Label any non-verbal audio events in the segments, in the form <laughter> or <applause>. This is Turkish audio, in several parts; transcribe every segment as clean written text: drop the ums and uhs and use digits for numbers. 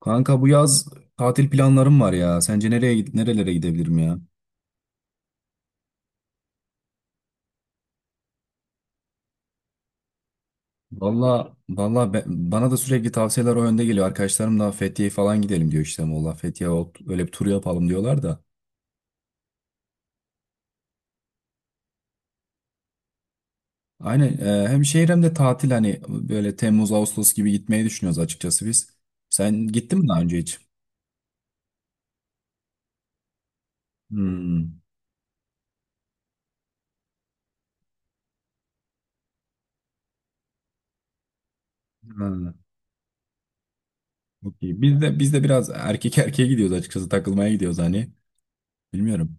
Kanka, bu yaz tatil planlarım var ya. Sence nerelere gidebilirim ya? Valla valla, bana da sürekli tavsiyeler o yönde geliyor. Arkadaşlarım da Fethiye falan gidelim diyor işte Muğla, Fethiye öyle bir tur yapalım diyorlar da. Aynen, hem şehir hem de tatil hani böyle Temmuz Ağustos gibi gitmeyi düşünüyoruz açıkçası biz. Sen gittin mi daha önce hiç? Hmm. Ha, çok iyi. Biz de biraz erkek <laughs> erkeğe gidiyoruz, açıkçası takılmaya gidiyoruz hani. Bilmiyorum.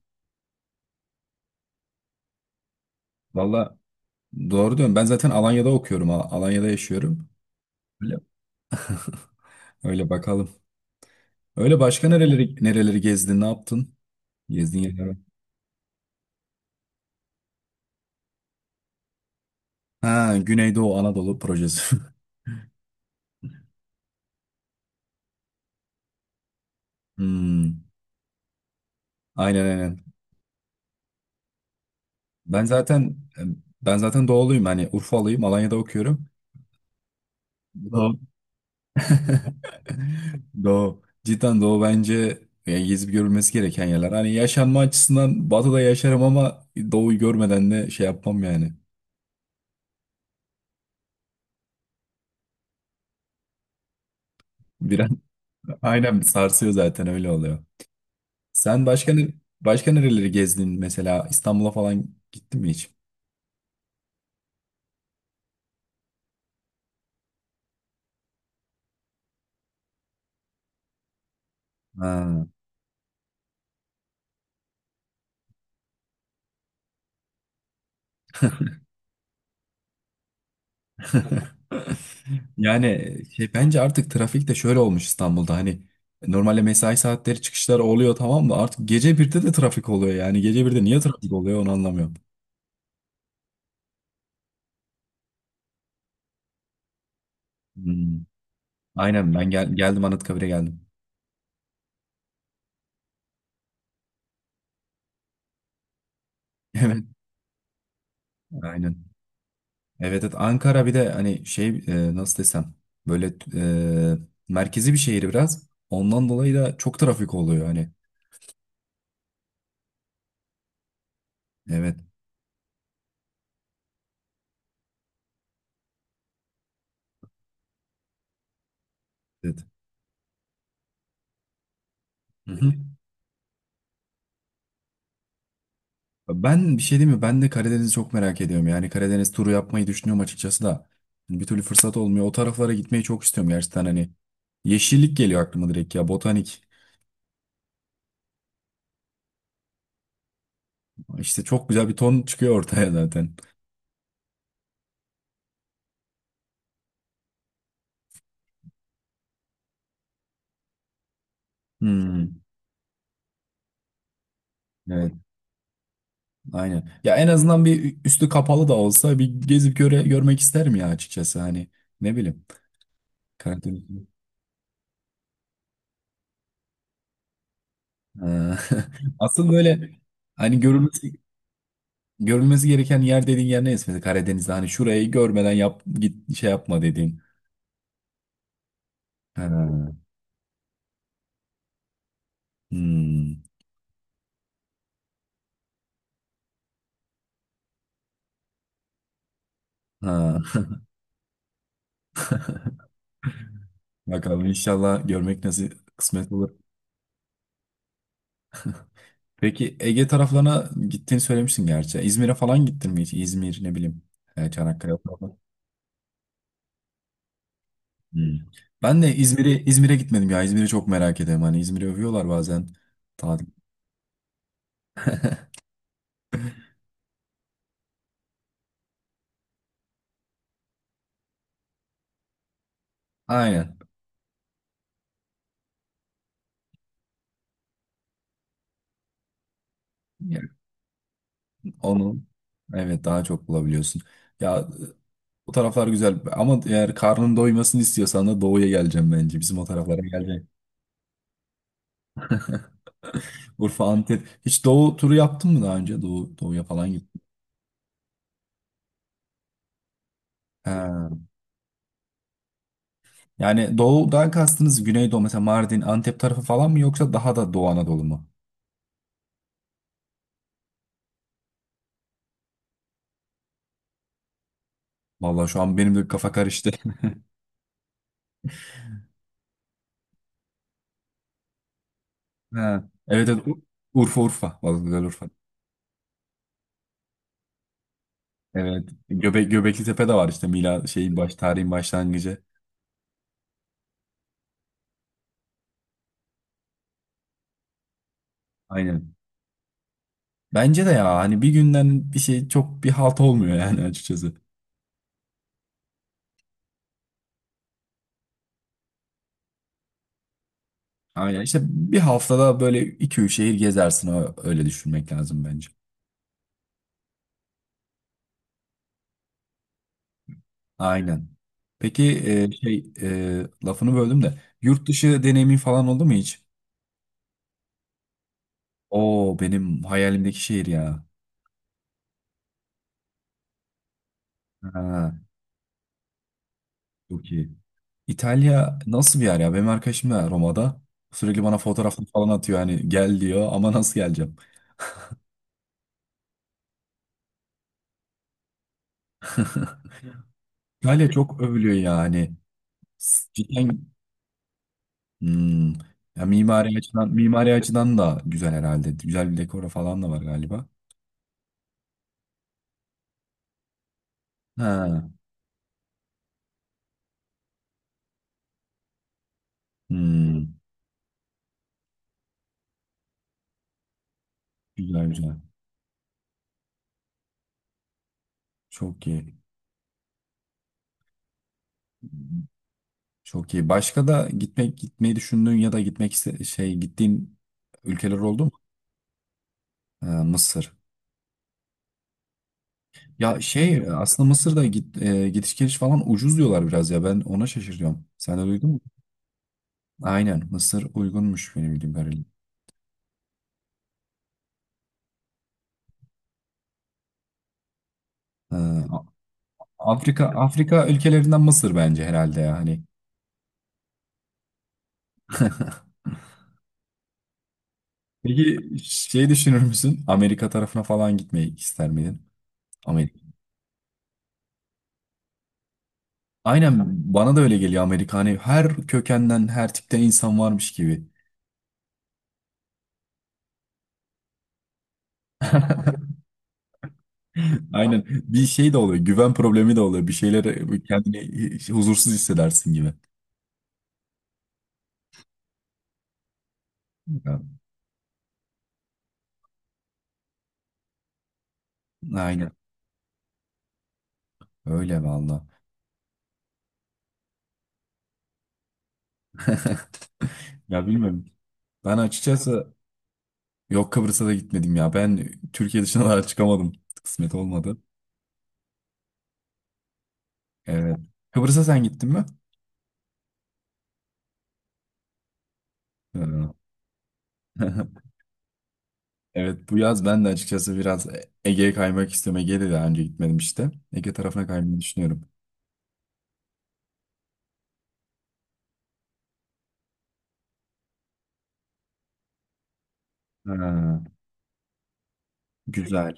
Valla, doğru diyorum. Ben zaten Alanya'da okuyorum. Alanya'da yaşıyorum. Öyle bakalım. Öyle başka nereleri nereleri gezdin, ne yaptın? Gezdiğin yerler var. Ha, Güneydoğu Anadolu projesi. <laughs> Hmm, aynen aynen. Ben zaten doğuluyum. Hani Urfalıyım. Alanya'da okuyorum. Doğu. <laughs> Doğu. Cidden Doğu bence yani gezip görülmesi gereken yerler. Hani yaşanma açısından Batı'da yaşarım ama Doğu'yu görmeden de şey yapmam yani. Biraz <laughs> aynen sarsıyor zaten, öyle oluyor. Sen başka başka nereleri gezdin, mesela İstanbul'a falan gittin mi hiç? Ha. <clears throat> Yani şey, bence artık trafik de şöyle olmuş İstanbul'da hani normalde mesai saatleri çıkışlar oluyor tamam da artık gece birde de trafik oluyor, yani gece birde niye trafik oluyor onu anlamıyorum. Hmm. Aynen, ben geldim, Anıtkabir'e geldim. <laughs> Evet, aynen. Evet evet, Ankara bir de hani şey, nasıl desem, böyle, e, merkezi bir şehir, biraz ondan dolayı da çok trafik oluyor hani. Evet evet. Hı hı. Ben bir şey diyeyim mi? Ben de Karadeniz'i çok merak ediyorum. Yani Karadeniz turu yapmayı düşünüyorum açıkçası da. Hani bir türlü fırsat olmuyor. O taraflara gitmeyi çok istiyorum gerçekten hani. Yeşillik geliyor aklıma direkt ya. Botanik. İşte çok güzel bir ton çıkıyor ortaya zaten. Hmm, evet aynen. Ya en azından bir üstü kapalı da olsa bir gezip görmek isterim ya, açıkçası. Hani ne bileyim. Karadeniz. Ha. <laughs> Asıl böyle hani görülmesi gereken yer dediğin yer neyse. Mesela Karadeniz'de hani şurayı görmeden git şey yapma dediğin. Ha, hmm, ha. <laughs> Bakalım inşallah görmek nasıl kısmet olur. Peki Ege taraflarına gittiğini söylemiştin gerçi. İzmir'e falan gittin mi hiç? İzmir, ne bileyim, Çanakkale falan. Hmm. Ben de İzmir'e gitmedim ya. İzmir'i çok merak ediyorum. Hani İzmir'i övüyorlar bazen. Tatil. Aynen. Yani onu, evet, daha çok bulabiliyorsun. Ya bu taraflar güzel ama eğer karnın doymasını istiyorsan da doğuya geleceğim bence. Bizim o taraflara geleceğim. Urfa, Antep. Hiç Doğu turu yaptın mı daha önce? Doğu, Doğu'ya falan gittin. Ha. Yani Doğu'dan kastınız Güneydoğu, mesela Mardin, Antep tarafı falan mı yoksa daha da Doğu Anadolu mu? Vallahi şu an benim de kafa karıştı. <laughs> Ha. Evet evet, Urfa Urfa. Vallahi güzel Urfa. Evet. Göbekli Tepe de var işte, Mila şeyin baş tarihin başlangıcı. Aynen. Bence de ya hani bir günden bir şey çok bir halt olmuyor yani, <laughs> açıkçası. Aynen işte, bir haftada böyle iki üç şehir gezersin, öyle düşünmek lazım bence. Aynen. Peki, lafını böldüm de yurt dışı deneyimin falan oldu mu hiç? Oo, benim hayalimdeki şehir ya. Ha, çok iyi. İtalya nasıl bir yer ya? Benim arkadaşım da Roma'da sürekli bana fotoğrafını falan atıyor hani, gel diyor ama nasıl geleceğim? <laughs> İtalya çok övülüyor yani. Cidden, hmm, ya mimari açıdan mimari açıdan da güzel herhalde. Güzel bir dekoru falan da var galiba. Ha, hmm, güzel güzel. Çok iyi. Çok iyi. Başka da gitmeyi düşündüğün ya da gitmek iste- şey gittiğin ülkeler oldu mu? Mısır. Ya şey aslında Mısır'da gidiş geliş falan ucuz diyorlar biraz ya, ben ona şaşırıyorum. Sen de duydun mu? Aynen, Mısır uygunmuş benim bildiğim kadarıyla. Ee, A- Afrika ülkelerinden Mısır bence herhalde ya hani. Peki şey, düşünür müsün? Amerika tarafına falan gitmeyi ister miydin? Amerika. Aynen, bana da öyle geliyor Amerika, hani her kökenden her tipten insan varmış gibi. Aynen. Bir şey de oluyor. Güven problemi de oluyor. Bir şeylere kendini huzursuz hissedersin gibi. Ya, aynen. Öyle valla. <laughs> Ya bilmiyorum. Ben açıkçası, yok, Kıbrıs'a da gitmedim ya. Ben Türkiye dışına <laughs> daha çıkamadım. Kısmet olmadı. Evet. Kıbrıs'a sen gittin mi? Ee, <laughs> Evet, bu yaz ben de açıkçası biraz Ege'ye kaymak istiyorum. Ege'ye de daha önce gitmedim işte. Ege tarafına kaymayı düşünüyorum. Ha, güzel.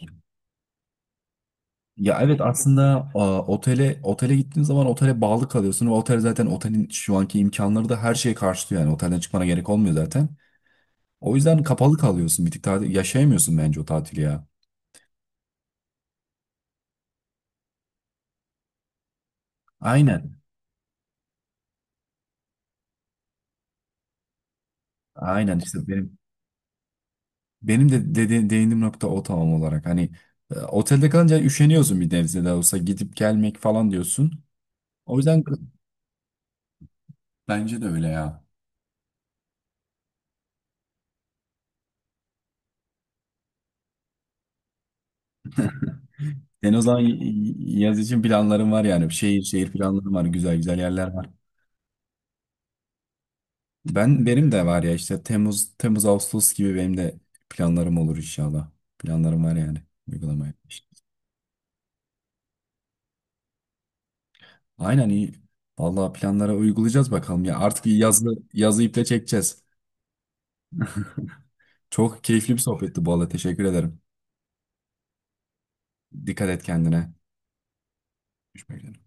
Ya evet aslında, otele gittiğin zaman otele bağlı kalıyorsun ve otel zaten, otelin şu anki imkanları da her şeye karşılıyor yani otelden çıkmana gerek olmuyor zaten. O yüzden kapalı kalıyorsun bir tık, tatil yaşayamıyorsun bence o tatili ya. Aynen. Aynen işte benim de değindiğim nokta o tam olarak hani, otelde kalınca üşeniyorsun bir nebze de olsa gidip gelmek falan diyorsun. O yüzden bence de öyle ya. Sen o zaman yaz için planların var yani şehir şehir planların var, güzel güzel yerler var. Benim de var ya işte Temmuz Ağustos gibi benim de planlarım olur inşallah. Planlarım var yani uygulamaya. Aynen, iyi. Vallahi planlara uygulayacağız bakalım ya. Artık yazı iple çekeceğiz. Çok keyifli bir sohbetti bu arada. Teşekkür ederim. Dikkat et kendine. Görüşmek üzere.